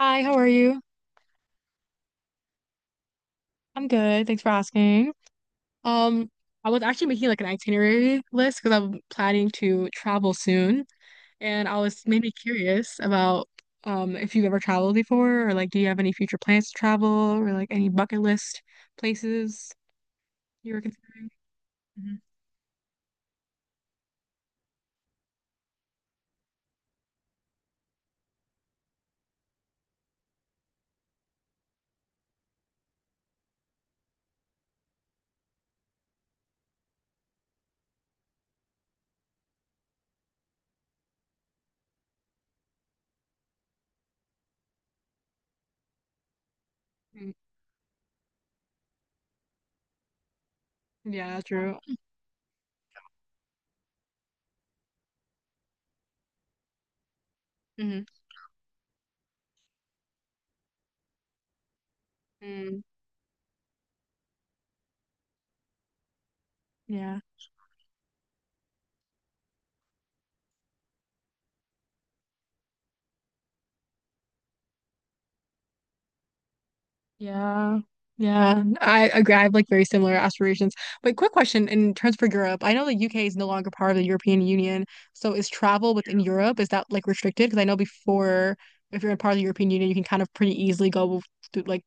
Hi, how are you? I'm good. Thanks for asking. Um, I was actually making like an itinerary list because I'm planning to travel soon, and I was maybe curious about if you've ever traveled before, or like do you have any future plans to travel, or like any bucket list places you were considering? hmm Yeah, true. Mm-hmm. Mm. Yeah. Yeah. Yeah. I agree. I have like very similar aspirations. But quick question in terms for Europe, I know the UK is no longer part of the European Union. So is travel within Europe, is that like restricted? Because I know before, if you're a part of the European Union, you can kind of pretty easily go through like,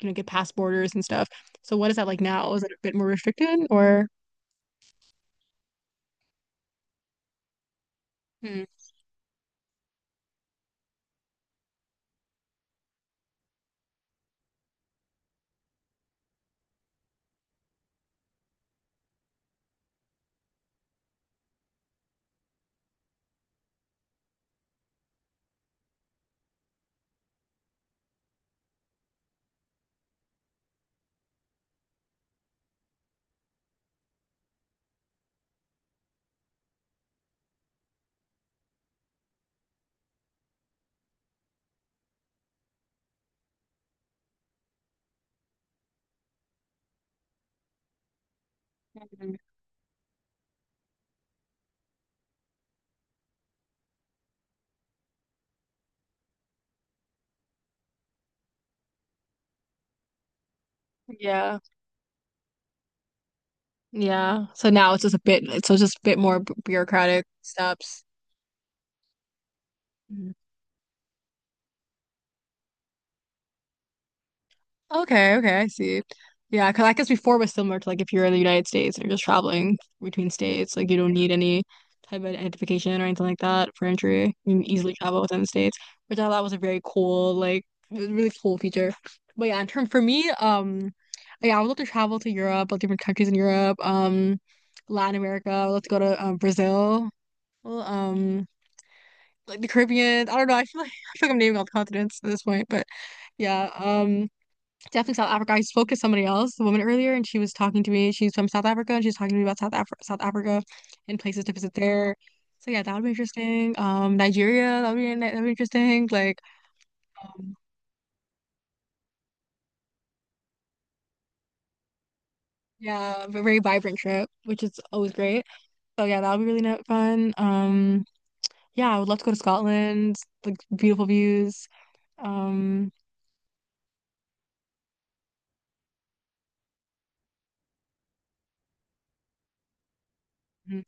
you know, get past borders and stuff. So what is that like now? Is it a bit more restricted or? Hmm. Mhm. Yeah. Yeah. So now it's just a bit more bureaucratic steps. Okay, okay, I see. Yeah, because I guess before it was similar to like if you're in the United States and you're just traveling between states, like you don't need any type of identification or anything like that for entry. You can easily travel within the states, which I thought was a very cool, like it was a really cool feature. But yeah, in term for me, yeah, I would love to travel to Europe, like different countries in Europe, Latin America. I would love to go to Brazil, well, like the Caribbean. I don't know. I feel like I feel like I'm naming all the continents at this point, but yeah, definitely South Africa. I spoke to somebody else, the woman earlier, and she was talking to me. She's from South Africa, and she was talking to me about South Africa and places to visit there. So yeah, that would be interesting. Nigeria, that would be interesting. Like, um, yeah, a very vibrant trip, which is always great. So yeah, that would be really fun. Yeah, I would love to go to Scotland. Like beautiful views. Um, mhm,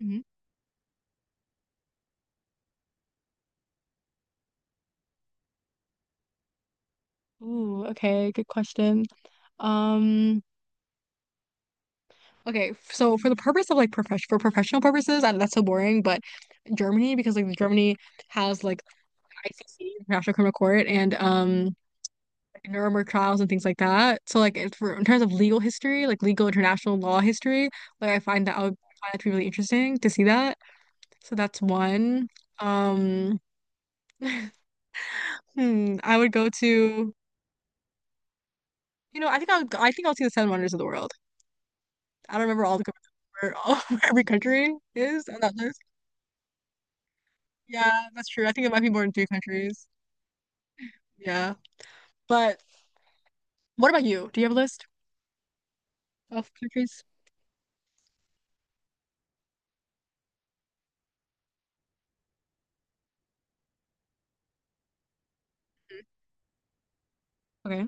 mhm. Ooh, okay, good question. Um. Okay, so for the purpose of like profession for professional purposes, and that's so boring, but Germany, because like Germany has like ICC, International Criminal Court, and Nuremberg trials and things like that. So like it's for in terms of legal history, like legal international law history, like I would find that to be really interesting to see that. So that's one. Um, I would go to I think I think I'll see the Seven Wonders of the World. I don't remember all the where every country is on that list. Yeah, that's true. I think it might be more than three countries. Yeah. But what about you? Do you have a list of countries? Okay.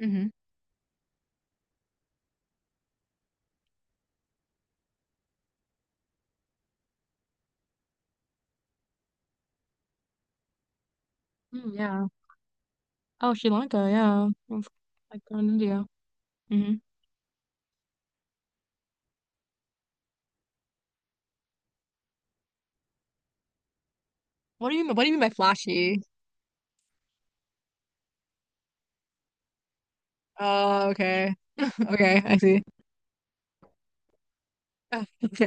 Mm-hmm. Mm, yeah. Oh, Sri Lanka, yeah. Of- Like going to India. Mm-hmm. What do you mean by flashy? Oh, okay. Okay, I see. Ah, okay.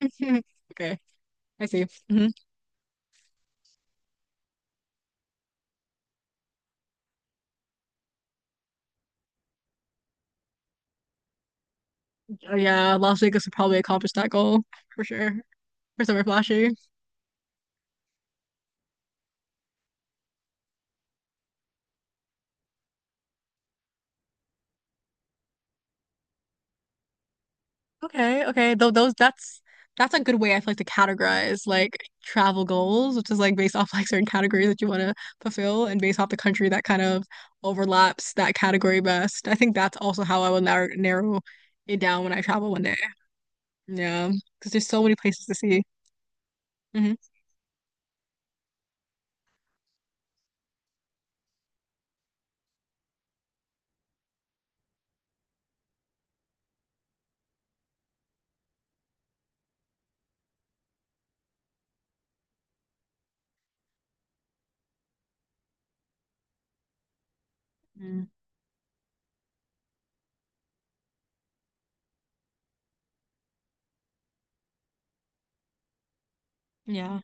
Okay, I see. Hmm. Yeah, Las Vegas would probably accomplish that goal for sure. For somewhere flashy. Okay, okay. Though those that's a good way, I feel like, to categorize like travel goals, which is like based off like certain categories that you want to fulfill and based off the country that kind of overlaps that category best. I think that's also how I will narrow it down when I travel one day. Yeah, because there's so many places to see. Hmm. Mm. Yeah.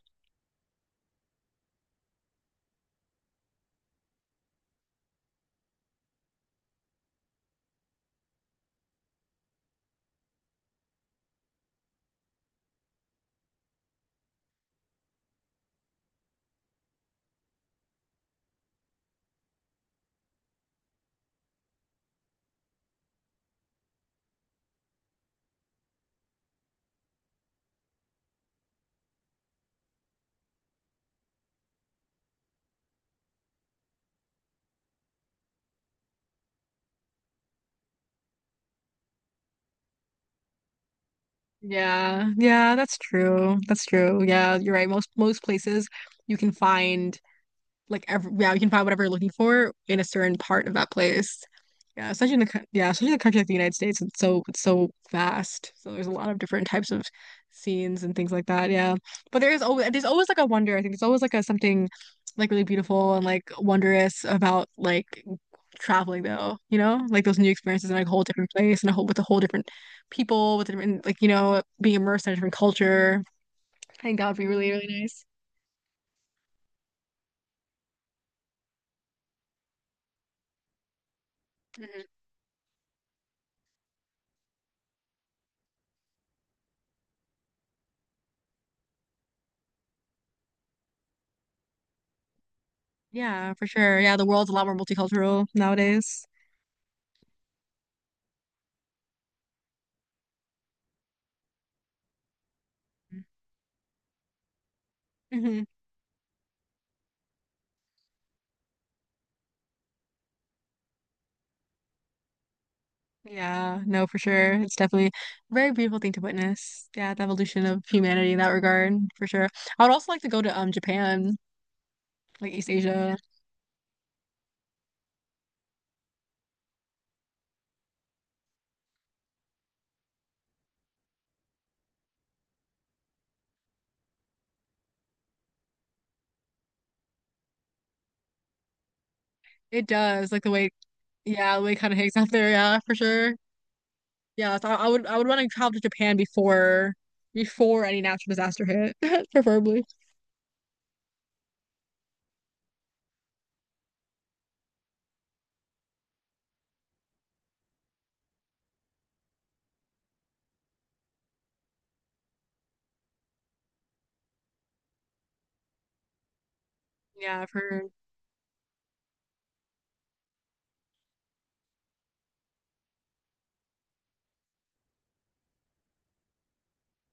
Yeah. Yeah, that's true. That's true. Yeah, you're right. Most places you can find yeah, you can find whatever you're looking for in a certain part of that place. Yeah, especially in the yeah, especially in a country like the United States, it's so vast. So there's a lot of different types of scenes and things like that. Yeah, but there's always like a wonder. I think there's always like a something like really beautiful and like wondrous about like traveling though. You know, like those new experiences in like a whole different place and a whole with a whole different people with a different, like, being immersed in a different culture. I think that would be really really nice. Yeah, for sure. Yeah, the world's a lot more multicultural nowadays. Hmm. Yeah, no, for sure. It's definitely a very beautiful thing to witness. Yeah, the evolution of humanity in that regard, for sure. I would also like to go to Japan, like East Asia. It does, like the way, yeah, the way it kind of hangs out there. Yeah, for sure. Yeah, so I would want to travel to Japan before any natural disaster hit, preferably. Yeah, I've heard.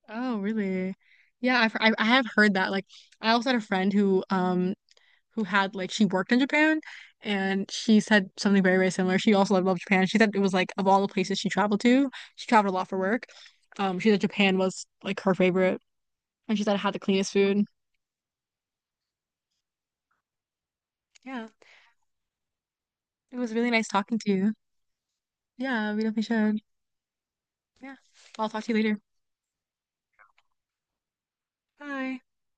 Oh, really? Yeah, I have heard that. Like, I also had a friend who had, like, she worked in Japan, and she said something very, very similar. She also loved Japan. She said it was like, of all the places she traveled to, she traveled a lot for work. She said Japan was like her favorite, and she said it had the cleanest food. Yeah. It was really nice talking to you. Yeah, we definitely should. Yeah. I'll talk to you later. Bye.